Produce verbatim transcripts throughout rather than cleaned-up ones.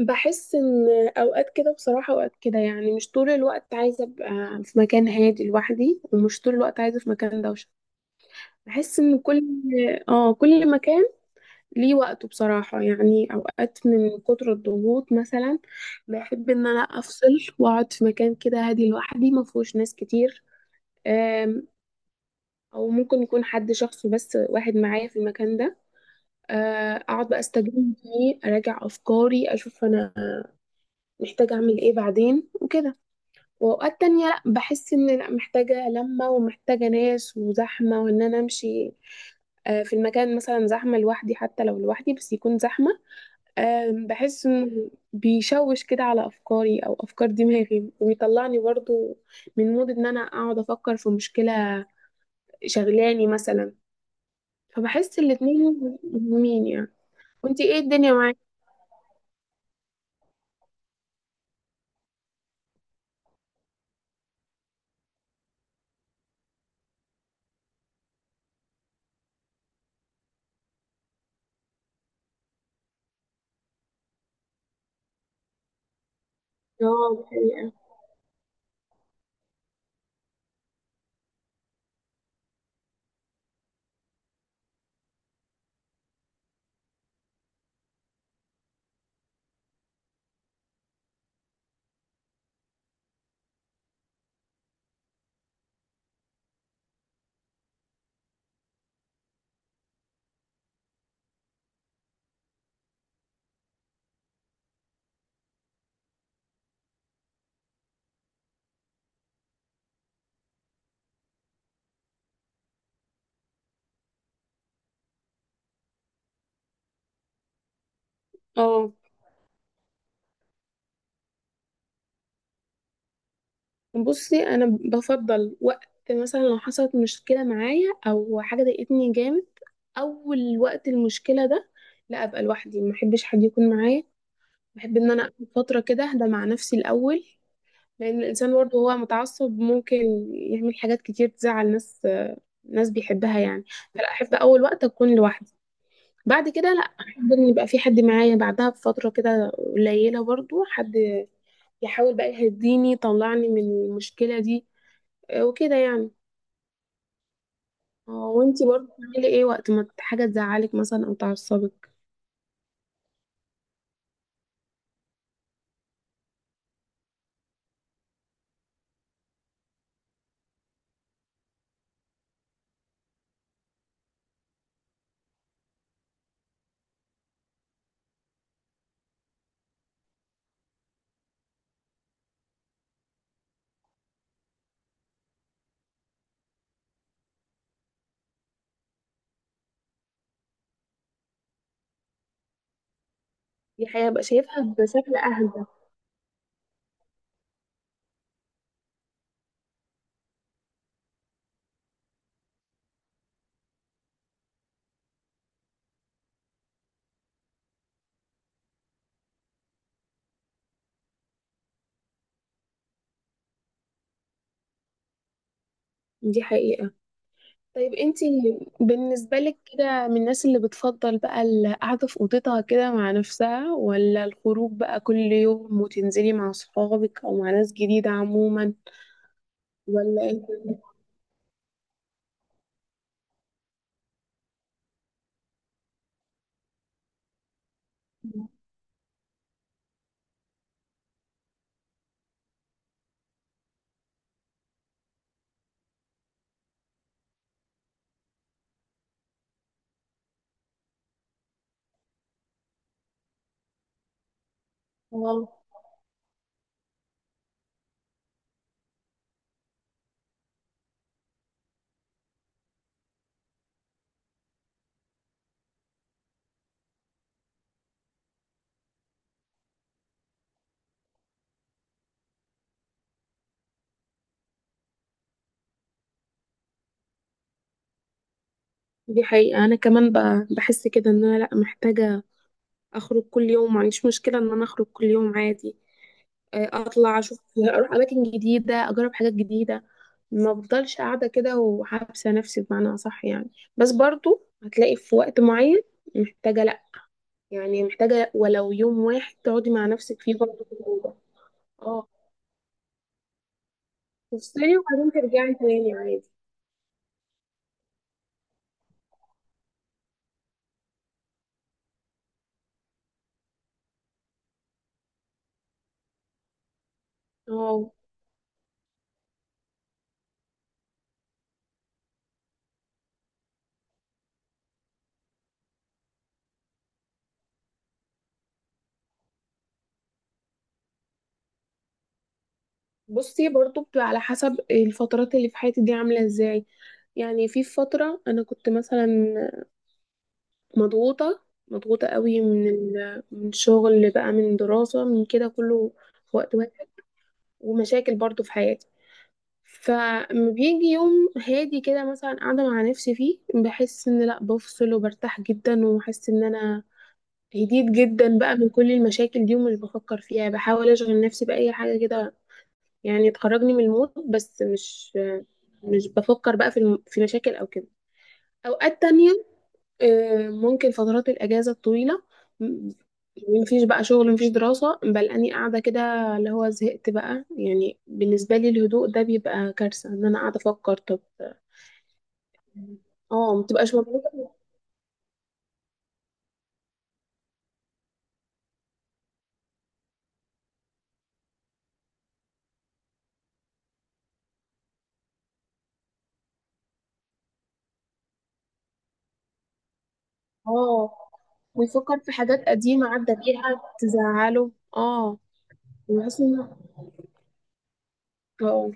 بحس ان اوقات كده بصراحة، اوقات كده يعني مش طول الوقت عايزة ابقى في مكان هادي لوحدي، ومش طول الوقت عايزة في مكان دوشة. بحس ان كل اه كل مكان ليه وقته بصراحة. يعني اوقات من كتر الضغوط مثلا بحب ان انا افصل واقعد في مكان كده هادي لوحدي ما فيهوش ناس كتير. آم، او ممكن يكون حد شخص بس واحد معايا في المكان ده. آه، اقعد بقى استجم فيه، اراجع افكاري، اشوف انا محتاجة اعمل ايه بعدين وكده. واوقات تانية لا، بحس ان لا، محتاجة لمة ومحتاجة ناس وزحمة وان انا امشي آه، في المكان مثلا زحمة لوحدي، حتى لو لوحدي بس يكون زحمة. آه، بحس انه بيشوش كده على افكاري او افكار دماغي، ويطلعني برضو من مود ان انا اقعد افكر في مشكلة شغلاني مثلا. فبحس الاتنين مهمين يعني. وانتي ايه الدنيا معاكي؟ اه الحقيقة. اه بصي، انا بفضل وقت مثلا لو حصلت مشكله معايا او حاجه ضايقتني جامد، اول وقت المشكله ده لا ابقى لوحدي، ما احبش حد يكون معايا. بحب ان انا اخد فتره كده اهدى مع نفسي الاول، لان الانسان برضه هو متعصب ممكن يعمل حاجات كتير تزعل ناس، ناس بيحبها يعني. فلا، احب اول وقت اكون لوحدي. بعد كده لا، احب ان يبقى في حد معايا، بعدها بفتره كده قليله برضه حد يحاول بقى يهديني يطلعني من المشكله دي آه، وكده يعني. آه، وانتي برضه بتعملي ايه وقت ما حاجة تزعلك مثلا او تعصبك؟ دي حقيقة بقى شايفها بشكل اهدى. دي حقيقة. طيب انتي بالنسبة لك كده، من الناس اللي بتفضل بقى القعدة في اوضتها كده مع نفسها، ولا الخروج بقى كل يوم وتنزلي مع صحابك او مع ناس جديدة عموما؟ ولا انت؟ اه دي حقيقة. أنا كمان بقى بحس كده إن أنا لأ، محتاجة أخرج كل يوم، معنديش مشكلة إن أنا أخرج كل يوم عادي. آه، اطلع اشوف، اروح اماكن جديده، اجرب حاجات جديده، ما بفضلش قاعده كده وحابسه نفسي بمعنى اصح يعني. بس برضو هتلاقي في وقت معين محتاجه، لا يعني محتاجه ولو يوم واحد تقعدي مع نفسك فيه برضو في الأوضة. اه تفصلي وبعدين ترجعي تاني عادي. اه بصي، برضو بتبقى على حسب الفترات اللي في حياتي دي عامله ازاي. يعني في فتره انا كنت مثلا مضغوطة، مضغوطة قوي من ال... من شغل بقى، من دراسة، من كده كله في وقت واحد، ومشاكل برضو في حياتي. فما بيجي يوم هادي كده مثلا قاعدة مع نفسي فيه بحس ان لا، بفصل وبرتاح جدا، وحاسة ان انا هديت جدا بقى من كل المشاكل دي، ومش بفكر فيها. بحاول اشغل نفسي بأي حاجة كده يعني تخرجني من المود، بس مش مش بفكر بقى في الم... في مشاكل او كده. اوقات تانية آه، ممكن فترات الأجازة الطويلة، م- مفيش بقى شغل، مفيش دراسة، بل أني قاعدة كده اللي هو زهقت بقى. يعني بالنسبة لي الهدوء ده بيبقى كارثة إن أنا قاعدة أفكر. طب اه مبتبقاش مبسوطة. اه ويفكر في حاجات قديمة عدى بيها تزعله. اه بحس إن اه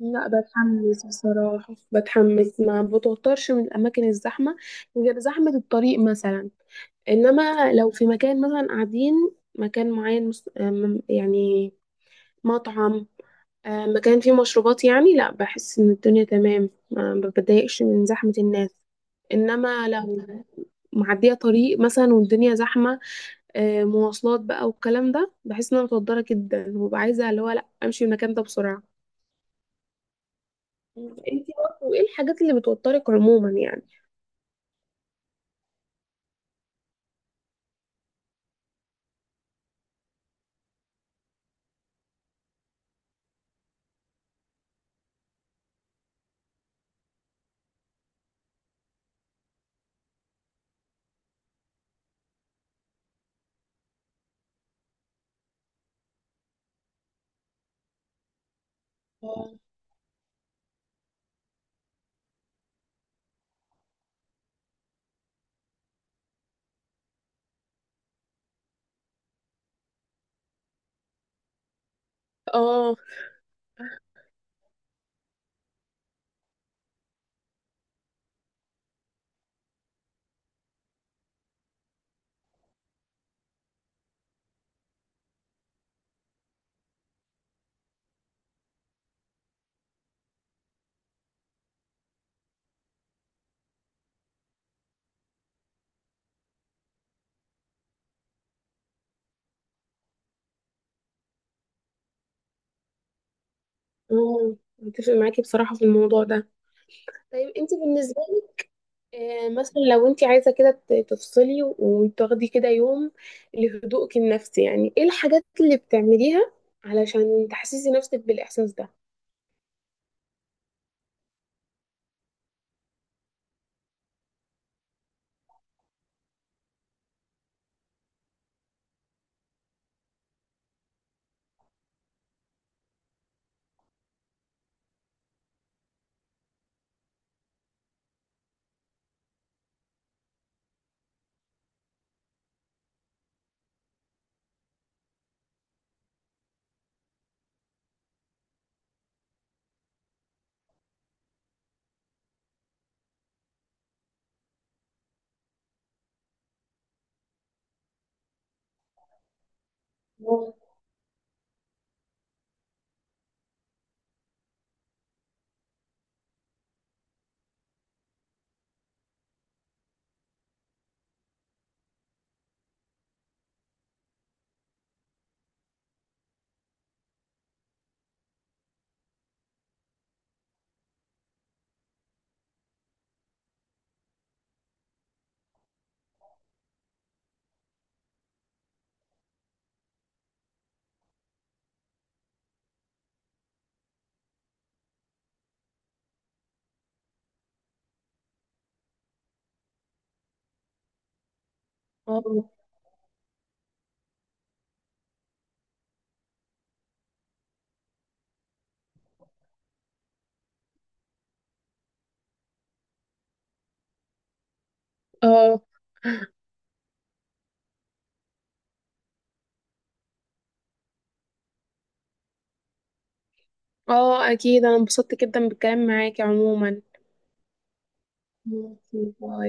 لا، بتحمس بصراحة، بتحمس، ما بتوترش من الأماكن الزحمة غير زحمة الطريق مثلا. انما لو في مكان مثلا قاعدين مكان معين مس- آم، يعني مطعم، آم، مكان فيه مشروبات، يعني لا، بحس ان الدنيا تمام، ما ما بتضايقش من زحمة الناس. انما لو معدية طريق مثلا والدنيا زحمة آه، مواصلات بقى والكلام ده، بحس ان انا متوترة جدا وببقى عايزة اللي هو لا، امشي من المكان ده بسرعة. انتي برضه ايه الحاجات اللي بتوترك عموما يعني؟ اه آه، مم، متفق معاكي بصراحة في الموضوع ده. طيب انتي بالنسبة، آه، مثلا لو انت عايزه كده ت- تفصلي و- وتاخدي كده يوم لهدوءك النفسي، يعني ايه الحاجات اللي بتعمليها علشان تحسسي نفسك بالاحساس ده؟ اه اه اه آه، اكيد انا انبسطت جدا بالكلام معاكي عموما. ماشي، باي.